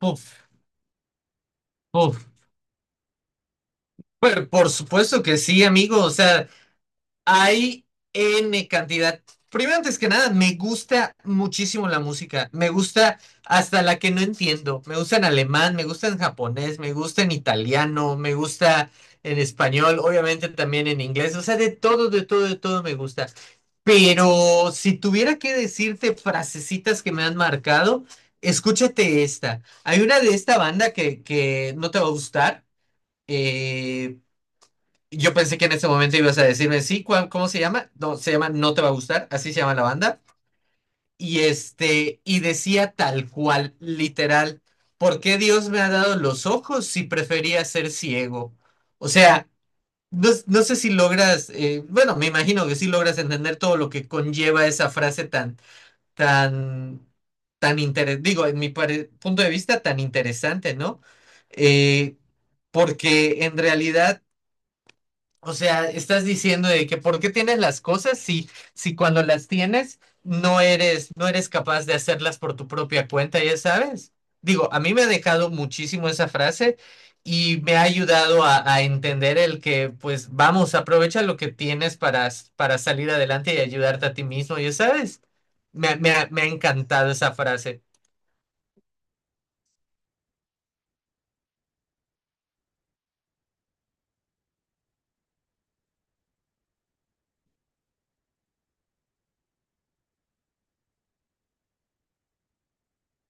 Puf, puf. Pero por supuesto que sí, amigo. O sea, hay N cantidad. Primero, antes que nada, me gusta muchísimo la música. Me gusta hasta la que no entiendo. Me gusta en alemán, me gusta en japonés, me gusta en italiano, me gusta en español, obviamente también en inglés. O sea, de todo, de todo, de todo me gusta. Pero si tuviera que decirte frasecitas que me han marcado, escúchate esta. Hay una de esta banda que no te va a gustar. eh, Yo pensé que en ese momento ibas a decirme, sí, ¿cómo se llama? No, se llama No Te Va a Gustar, así se llama la banda. Y este, y decía tal cual, literal, ¿por qué Dios me ha dado los ojos si prefería ser ciego? O sea, no sé si logras, bueno, me imagino que sí logras entender todo lo que conlleva esa frase tan, tan, tan interesante, digo, en mi punto de vista, tan interesante, ¿no? Eh, Porque en realidad, o sea, estás diciendo de que ¿por qué tienes las cosas si, si cuando las tienes no eres capaz de hacerlas por tu propia cuenta, ya sabes? Digo, a mí me ha dejado muchísimo esa frase y me ha ayudado a entender el que, pues, vamos, aprovecha lo que tienes para salir adelante y ayudarte a ti mismo, ya sabes. Me ha encantado esa frase,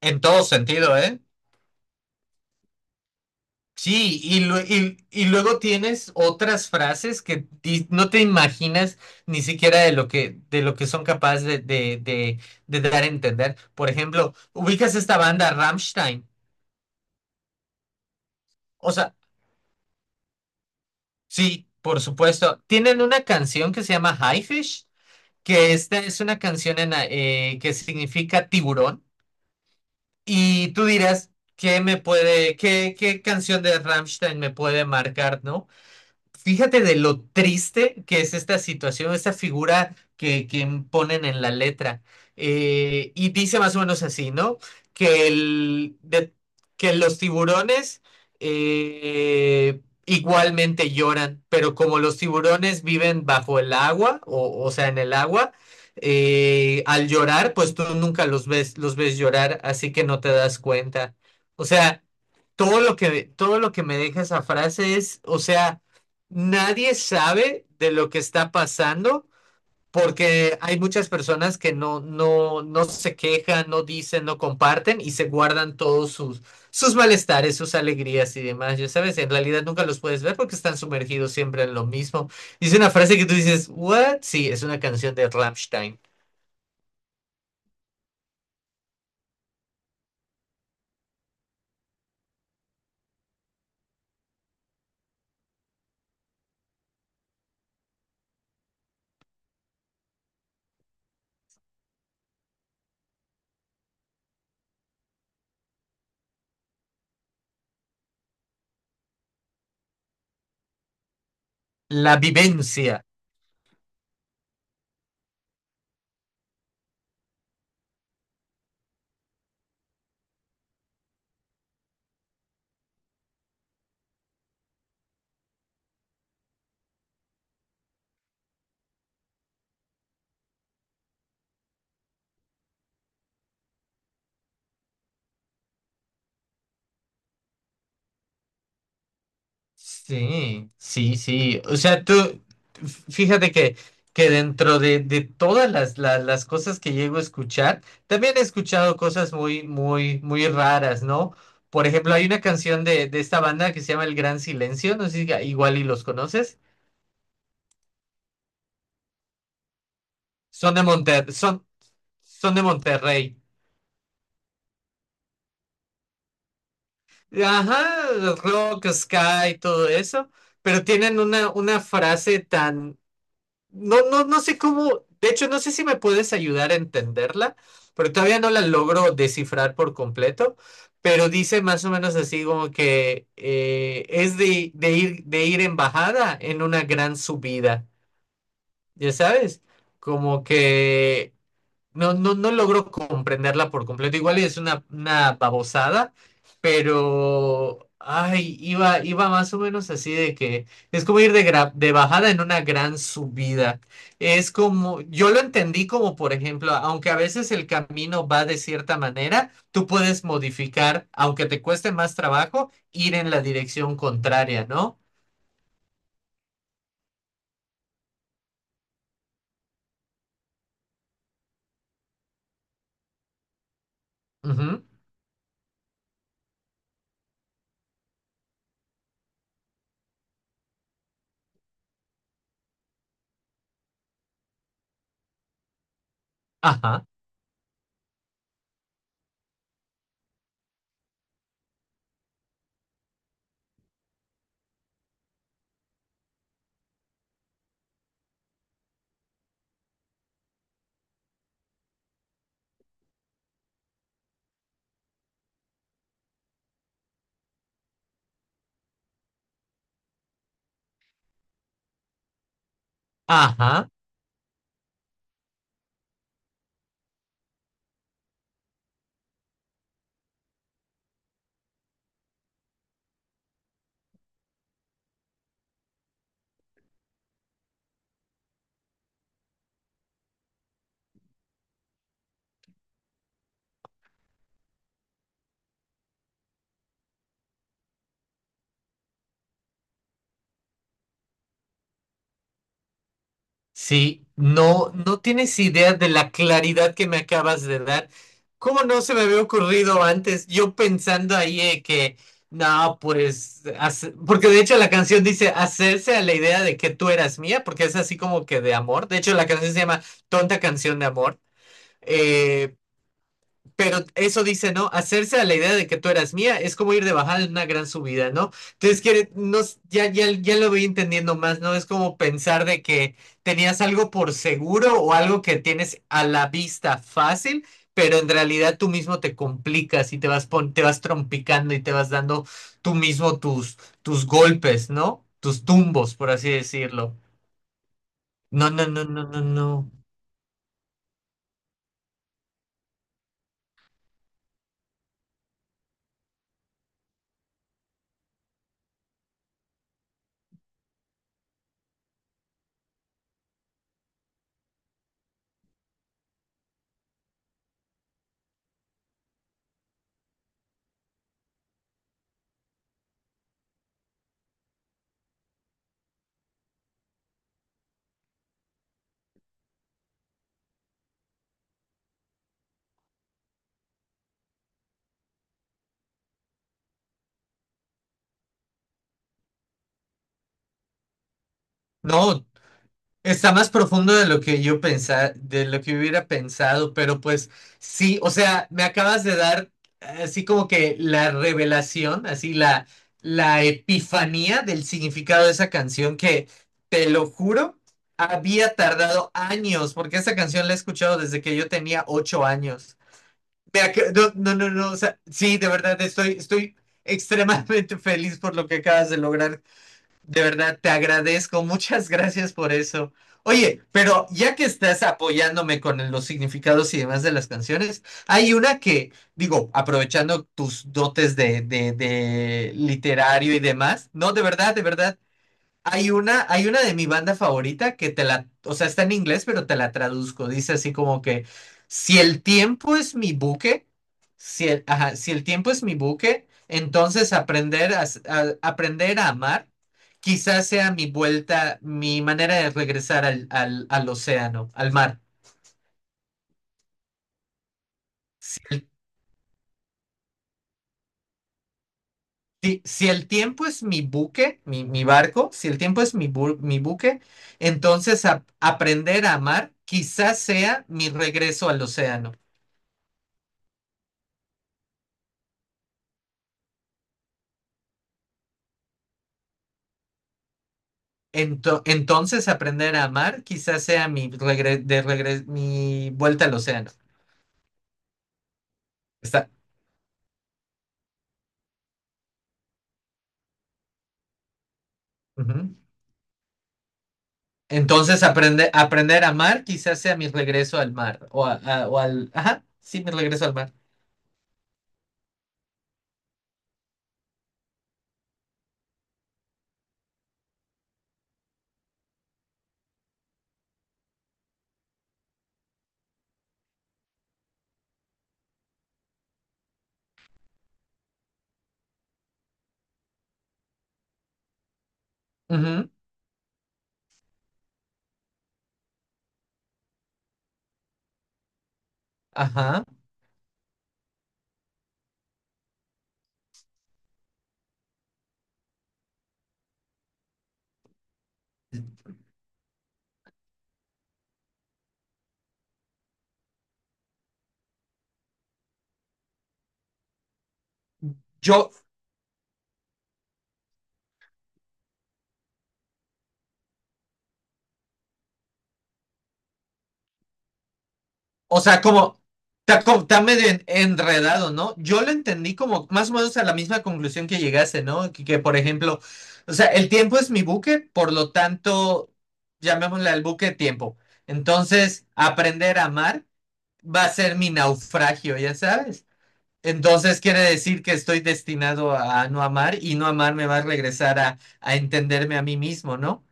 en todo sentido, ¿eh? Sí, y, y luego tienes otras frases que no te imaginas ni siquiera de lo que son capaces de dar a entender. Por ejemplo, ubicas esta banda Rammstein. O sea, sí, por supuesto. Tienen una canción que se llama Highfish, que esta es una canción en, que significa tiburón. Y tú dirás, ¿qué me puede, qué, qué canción de Rammstein me puede marcar, ¿no? Fíjate de lo triste que es esta situación, esta figura que ponen en la letra. Y dice más o menos así, ¿no? Que, el, de- que los tiburones eh, igualmente lloran, pero como los tiburones viven bajo el agua, o sea, en el agua, al llorar, pues tú nunca los ves, los ves llorar, así que no te das cuenta. O sea, todo lo que me deja esa frase es, o sea, nadie sabe de lo que está pasando porque hay muchas personas que no se quejan, no dicen, no comparten y se guardan todos sus, sus malestares, sus alegrías y demás. Ya sabes, en realidad nunca los puedes ver porque están sumergidos siempre en lo mismo. Dice una frase que tú dices, ¿what? Sí, es una canción de Rammstein. La vivencia. Sí, sí, sí. O sea, tú, fíjate que dentro de todas las, las cosas que llego a escuchar, también he escuchado cosas muy, muy, muy raras, ¿no? Por ejemplo, hay una canción de esta banda que se llama El Gran Silencio, no sé si igual y los conoces. Son de Monter, son, son de Monterrey. Ajá, rock, sky, todo eso. Pero tienen una frase tan... No, no, no sé cómo, de hecho, no sé si me puedes ayudar a entenderla, pero todavía no la logro descifrar por completo, pero dice más o menos así como que es de ir en bajada en una gran subida, ya sabes, como que no logro comprenderla por completo. Igual es una babosada, pero ay, iba, iba más o menos así de que es como ir de bajada en una gran subida. Es como, yo lo entendí como, por ejemplo, aunque a veces el camino va de cierta manera, tú puedes modificar, aunque te cueste más trabajo, ir en la dirección contraria, ¿no? Ujú. Ajá, ajá. Sí, no, no tienes idea de la claridad que me acabas de dar. ¿Cómo no se me había ocurrido antes? Yo pensando ahí que, no, pues, porque de hecho la canción dice hacerse a la idea de que tú eras mía, porque es así como que de amor. De hecho, la canción se llama Tonta Canción de Amor. Eh, pero eso dice, ¿no? Hacerse a la idea de que tú eras mía es como ir de bajada en una gran subida, ¿no? Entonces, quiere, no, ya lo voy entendiendo más, ¿no? Es como pensar de que tenías algo por seguro o algo que tienes a la vista fácil, pero en realidad tú mismo te complicas y te vas, te vas trompicando y te vas dando tú mismo tus, tus golpes, ¿no? Tus tumbos, por así decirlo. No, no, no, no, no, no. No, está más profundo de lo que yo pensaba, de lo que hubiera pensado, pero pues sí, o sea, me acabas de dar así como que la revelación, así la, la epifanía del significado de esa canción que, te lo juro, había tardado años, porque esa canción la he escuchado desde que yo tenía 8 años. No, no, no, no, o sea, sí, de verdad, estoy, estoy extremadamente feliz por lo que acabas de lograr. De verdad, te agradezco. Muchas gracias por eso. Oye, pero ya que estás apoyándome con los significados y demás de las canciones, hay una que, digo, aprovechando tus dotes de literario y demás, no, de verdad, hay una de mi banda favorita que te la, o sea, está en inglés, pero te la traduzco. Dice así como que, si el tiempo es mi buque, si el, ajá, si el tiempo es mi buque, entonces aprender a, aprender a amar quizás sea mi vuelta, mi manera de regresar al, al, al océano, al mar. Si, si el tiempo es mi buque, mi barco, si el tiempo es mi, mi buque, entonces aprender a amar quizás sea mi regreso al océano. Entonces aprender a amar quizás sea mi, mi vuelta al océano. Está. Ujú. Aprender a amar quizás sea mi regreso al mar o, o al... Ajá, sí, mi regreso al mar. Ujú, ajá. Yo, o sea, como está, está medio enredado, ¿no? Yo lo entendí como más o menos a la misma conclusión que llegase, ¿no? Que, por ejemplo, o sea, el tiempo es mi buque, por lo tanto, llamémosle al buque tiempo. Entonces, aprender a amar va a ser mi naufragio, ya sabes. Entonces quiere decir que estoy destinado a no amar y no amar me va a regresar a entenderme a mí mismo, ¿no?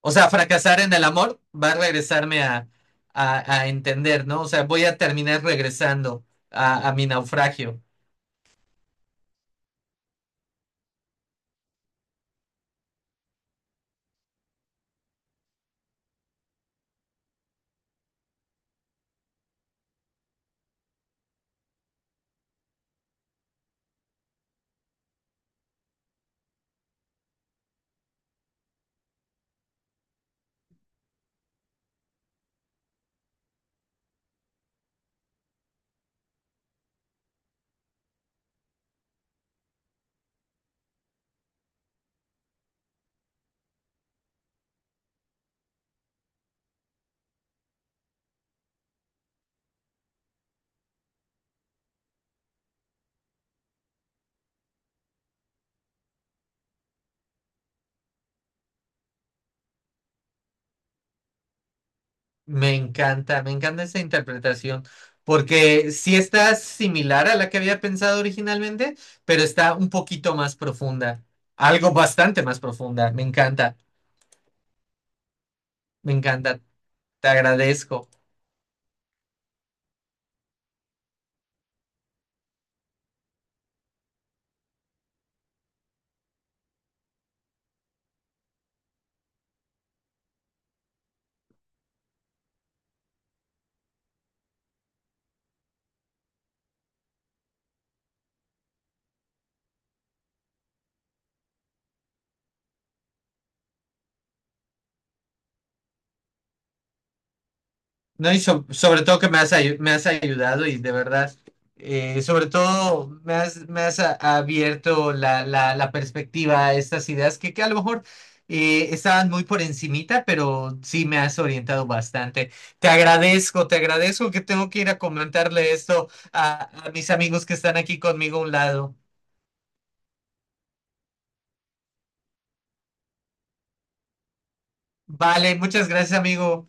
O sea, fracasar en el amor va a regresarme a entender, ¿no? O sea, voy a terminar regresando a mi naufragio. Me encanta esa interpretación, porque sí está similar a la que había pensado originalmente, pero está un poquito más profunda, algo bastante más profunda. Me encanta, te agradezco. No, y sobre todo que me has, me has ayudado y de verdad, sobre todo me has abierto la, la, la perspectiva a estas ideas que a lo mejor estaban muy por encimita, pero sí me has orientado bastante. Te agradezco que tengo que ir a comentarle esto a mis amigos que están aquí conmigo a un lado. Vale, muchas gracias, amigo.